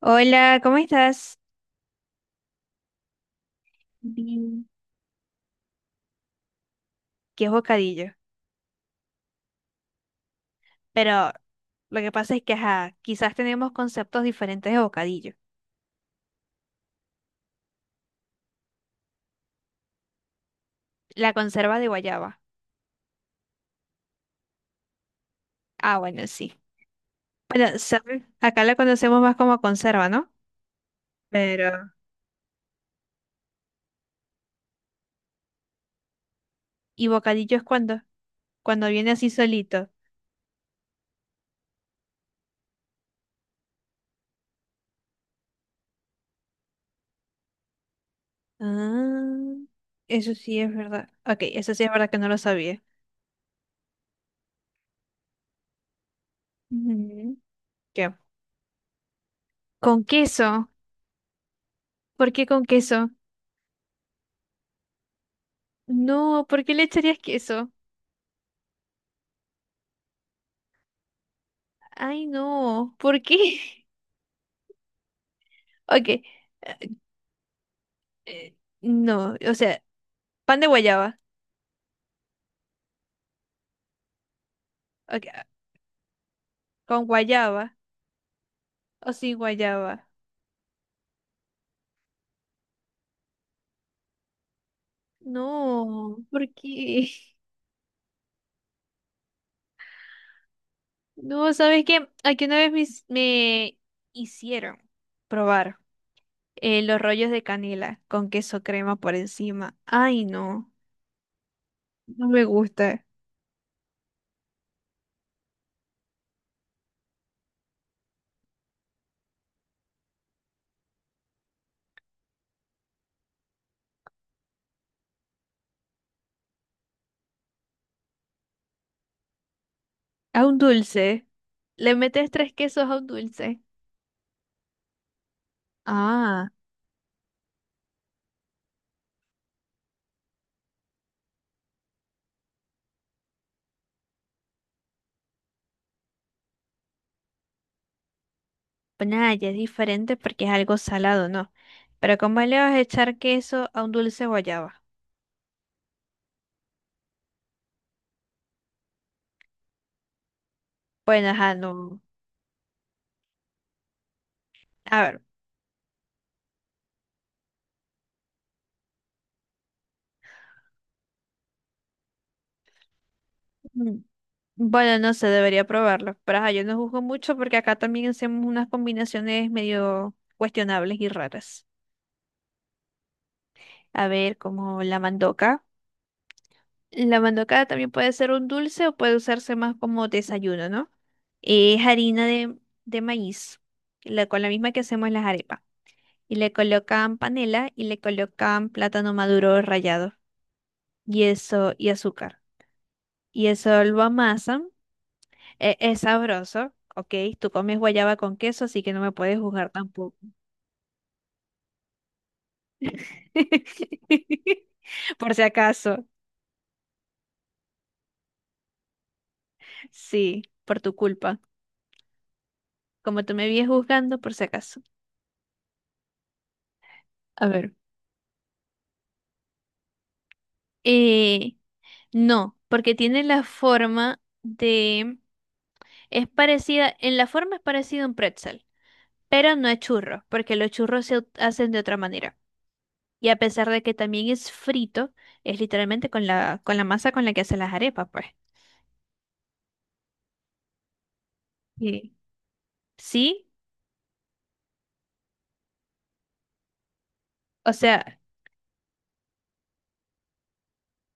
Hola, ¿cómo estás? Bien. ¿Qué es bocadillo? Pero lo que pasa es que, ajá, quizás tenemos conceptos diferentes de bocadillo. La conserva de guayaba. Ah, bueno, sí. Bueno, ¿sabes? Acá la conocemos más como conserva, ¿no? Pero... ¿Y bocadillo es cuando? Cuando viene así solito. Ah, eso sí es verdad. Ok, eso sí es verdad que no lo sabía. Ujú. ¿Qué? ¿Con queso? ¿Por qué con queso? No, ¿por qué le echarías queso? Ay, no, ¿por qué? Ok. No, o sea, pan de guayaba. Ok, ah, con guayaba o sin guayaba. No, ¿por qué? No, ¿sabes qué? Aquí una vez me hicieron probar los rollos de canela con queso crema por encima. Ay, no, no me gusta. A un dulce. Le metes tres quesos a un dulce. Ah, pues nada, ya es diferente porque es algo salado, ¿no? Pero ¿cómo le vas a echar queso a un dulce guayaba? Bueno, ajá, no. A ver. mm, Bueno, no sé, debería probarlo. Pero ajá, yo no juzgo mucho porque acá también hacemos unas combinaciones medio cuestionables y raras. A ver, como la mandoca. La mandoca también puede ser un dulce o puede usarse más como desayuno, ¿no? Es harina de maíz, con la misma que hacemos las arepas. Y le colocan panela y le colocan plátano maduro rallado y eso, y azúcar. Y eso lo amasan. Es sabroso, ok. Tú comes guayaba con queso, así que no me puedes juzgar tampoco. Por si acaso. Sí, por tu culpa. Como tú me vienes juzgando, por si acaso. A ver. Eh, no, porque tiene la forma de... Es parecida, en la forma es parecida a un pretzel, pero no es churro, porque los churros hacen de otra manera. Y a pesar de que también es frito, es literalmente con con la masa con la que hacen las arepas, pues. Sí. Sí, o sea,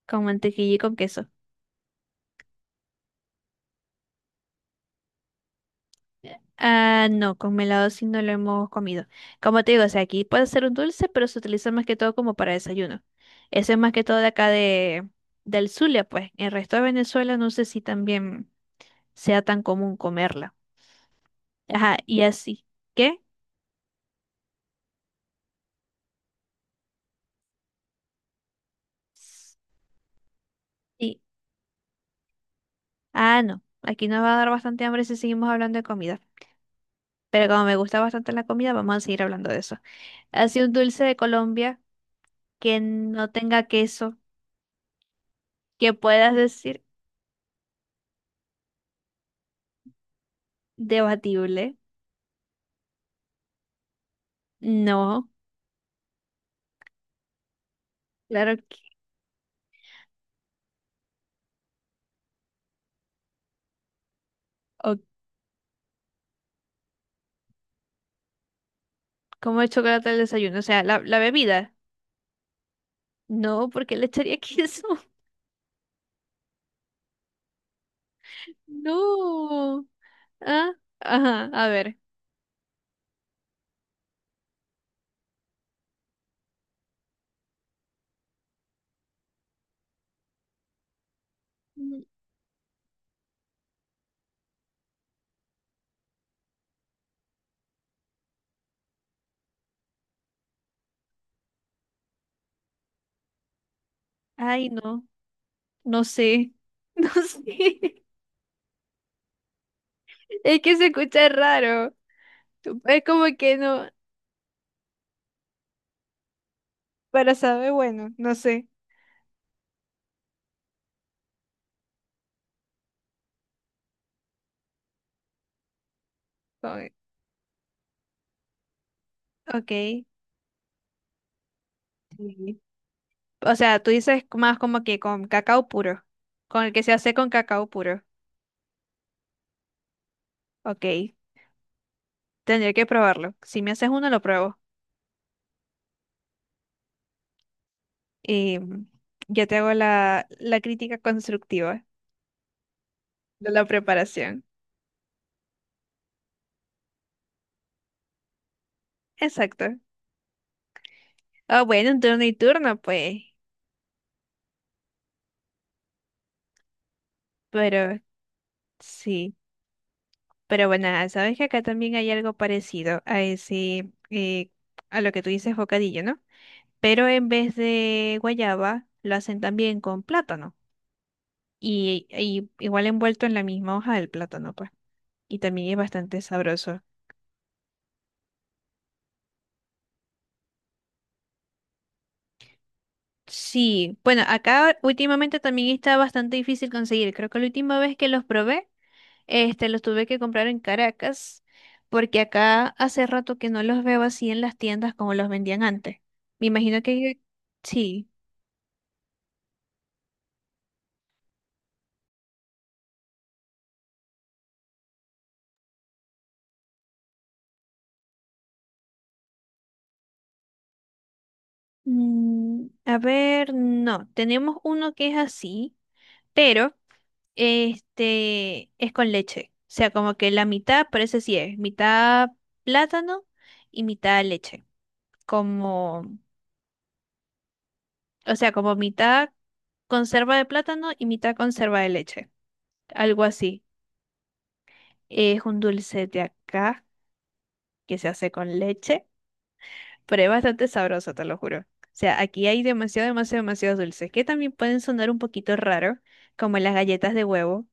con mantequilla y con queso. Ah, no, con melado sí no lo hemos comido. Como te digo, o sea, aquí puede ser un dulce, pero se utiliza más que todo como para desayuno. Eso es más que todo de acá del Zulia, pues. El resto de Venezuela no sé si también sea tan común comerla. Ajá, y así. ¿Qué? Sí. Ah, no. Aquí nos va a dar bastante hambre si seguimos hablando de comida. Pero como me gusta bastante la comida, vamos a seguir hablando de eso. Así un dulce de Colombia que no tenga queso, que puedas decir debatible. No, claro que. O como el chocolate al desayuno, o sea, la bebida. No, porque le echaría queso. No. Ah, ajá, a ver. Mm. Ay, no, no sé. No sé. Es que se escucha raro. Es como que no. Para saber, bueno, no sé. Como- que, ok. Sí. O sea, tú dices más como que con cacao puro. Con el que se hace con cacao puro. Ok. Tendría que probarlo. Si me haces uno, lo pruebo. Y ya te hago la crítica constructiva de la preparación. Exacto. Ah, bueno, un turno y turno, pues. Pero sí. Pero bueno, sabes que acá también hay algo parecido a ese, a lo que tú dices bocadillo, ¿no? Pero en vez de guayaba, lo hacen también con plátano. Y igual envuelto en la misma hoja del plátano, pues. Y también es bastante sabroso. Sí, bueno, acá últimamente también está bastante difícil conseguir. Creo que la última vez que los probé, este, los tuve que comprar en Caracas, porque acá hace rato que no los veo así en las tiendas como los vendían antes. Me imagino que sí. Mm, a ver, no, tenemos uno que es así, pero este es con leche. O sea, como que la mitad parece sí es, mitad plátano y mitad leche. Como, o sea, como mitad conserva de plátano y mitad conserva de leche. Algo así. Es un dulce de acá que se hace con leche, pero es bastante sabroso, te lo juro. O sea, aquí hay demasiado, demasiado, demasiados dulces que también pueden sonar un poquito raro, como las galletas de huevo.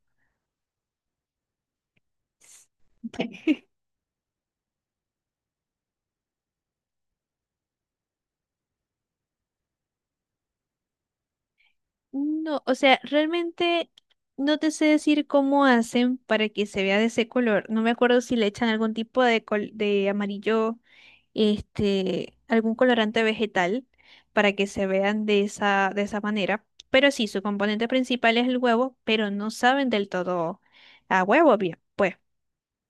No, o sea, realmente no te sé decir cómo hacen para que se vea de ese color. No me acuerdo si le echan algún tipo de amarillo, este, algún colorante vegetal para que se vean de de esa manera. Pero sí, su componente principal es el huevo, pero no saben del todo a huevo bien. Pues,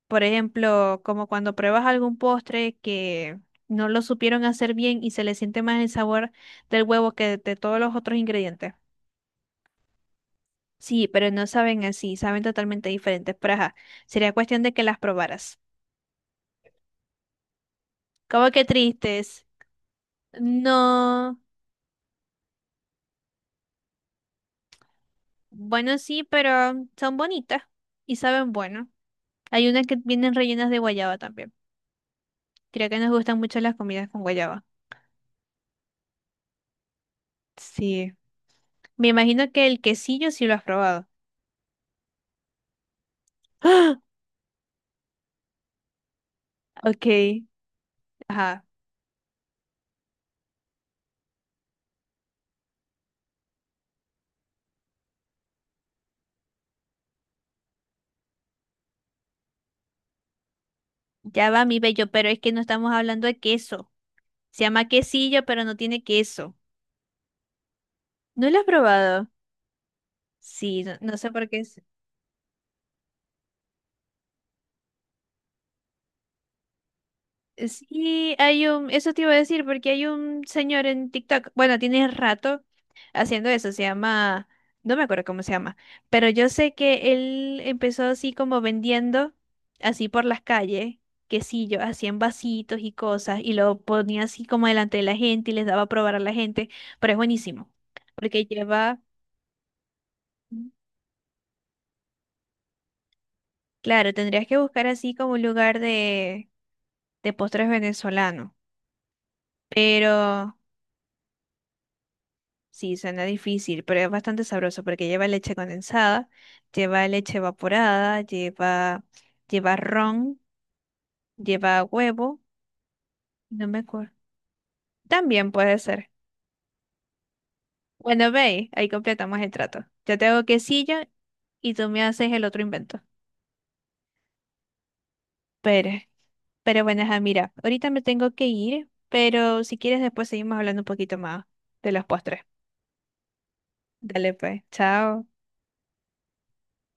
por ejemplo, como cuando pruebas algún postre que no lo supieron hacer bien y se le siente más el sabor del huevo que de todos los otros ingredientes. Sí, pero no saben así, saben totalmente diferentes. Pero ajá, sería cuestión de que las probaras. ¿Cómo que tristes? No. Bueno, sí, pero son bonitas y saben bueno. Hay unas que vienen rellenas de guayaba también. Creo que nos gustan mucho las comidas con guayaba. Sí. Me imagino que el quesillo sí lo has probado. ¡Ah! Ok. Ajá. Ya va mi bello, pero es que no estamos hablando de queso. Se llama quesillo, pero no tiene queso. ¿No lo has probado? Sí, no, no sé por qué. Sí, hay un, eso te iba a decir, porque hay un señor en TikTok, bueno, tiene rato haciendo eso, se llama, no me acuerdo cómo se llama, pero yo sé que él empezó así como vendiendo, así por las calles, quesillo, así en vasitos y cosas, y lo ponía así como delante de la gente y les daba a probar a la gente, pero es buenísimo, porque lleva, claro, tendrías que buscar así como un lugar de postres venezolanos, pero... Sí, suena difícil, pero es bastante sabroso porque lleva leche condensada, lleva leche evaporada, lleva, lleva ron, lleva huevo, no me acuerdo. También puede ser. Bueno, ve, ahí completamos el trato. Yo te hago quesillo y tú me haces el otro invento. Pero, pero bueno, ajá, mira, ahorita me tengo que ir, pero si quieres después seguimos hablando un poquito más de los postres. Dale pues, chao.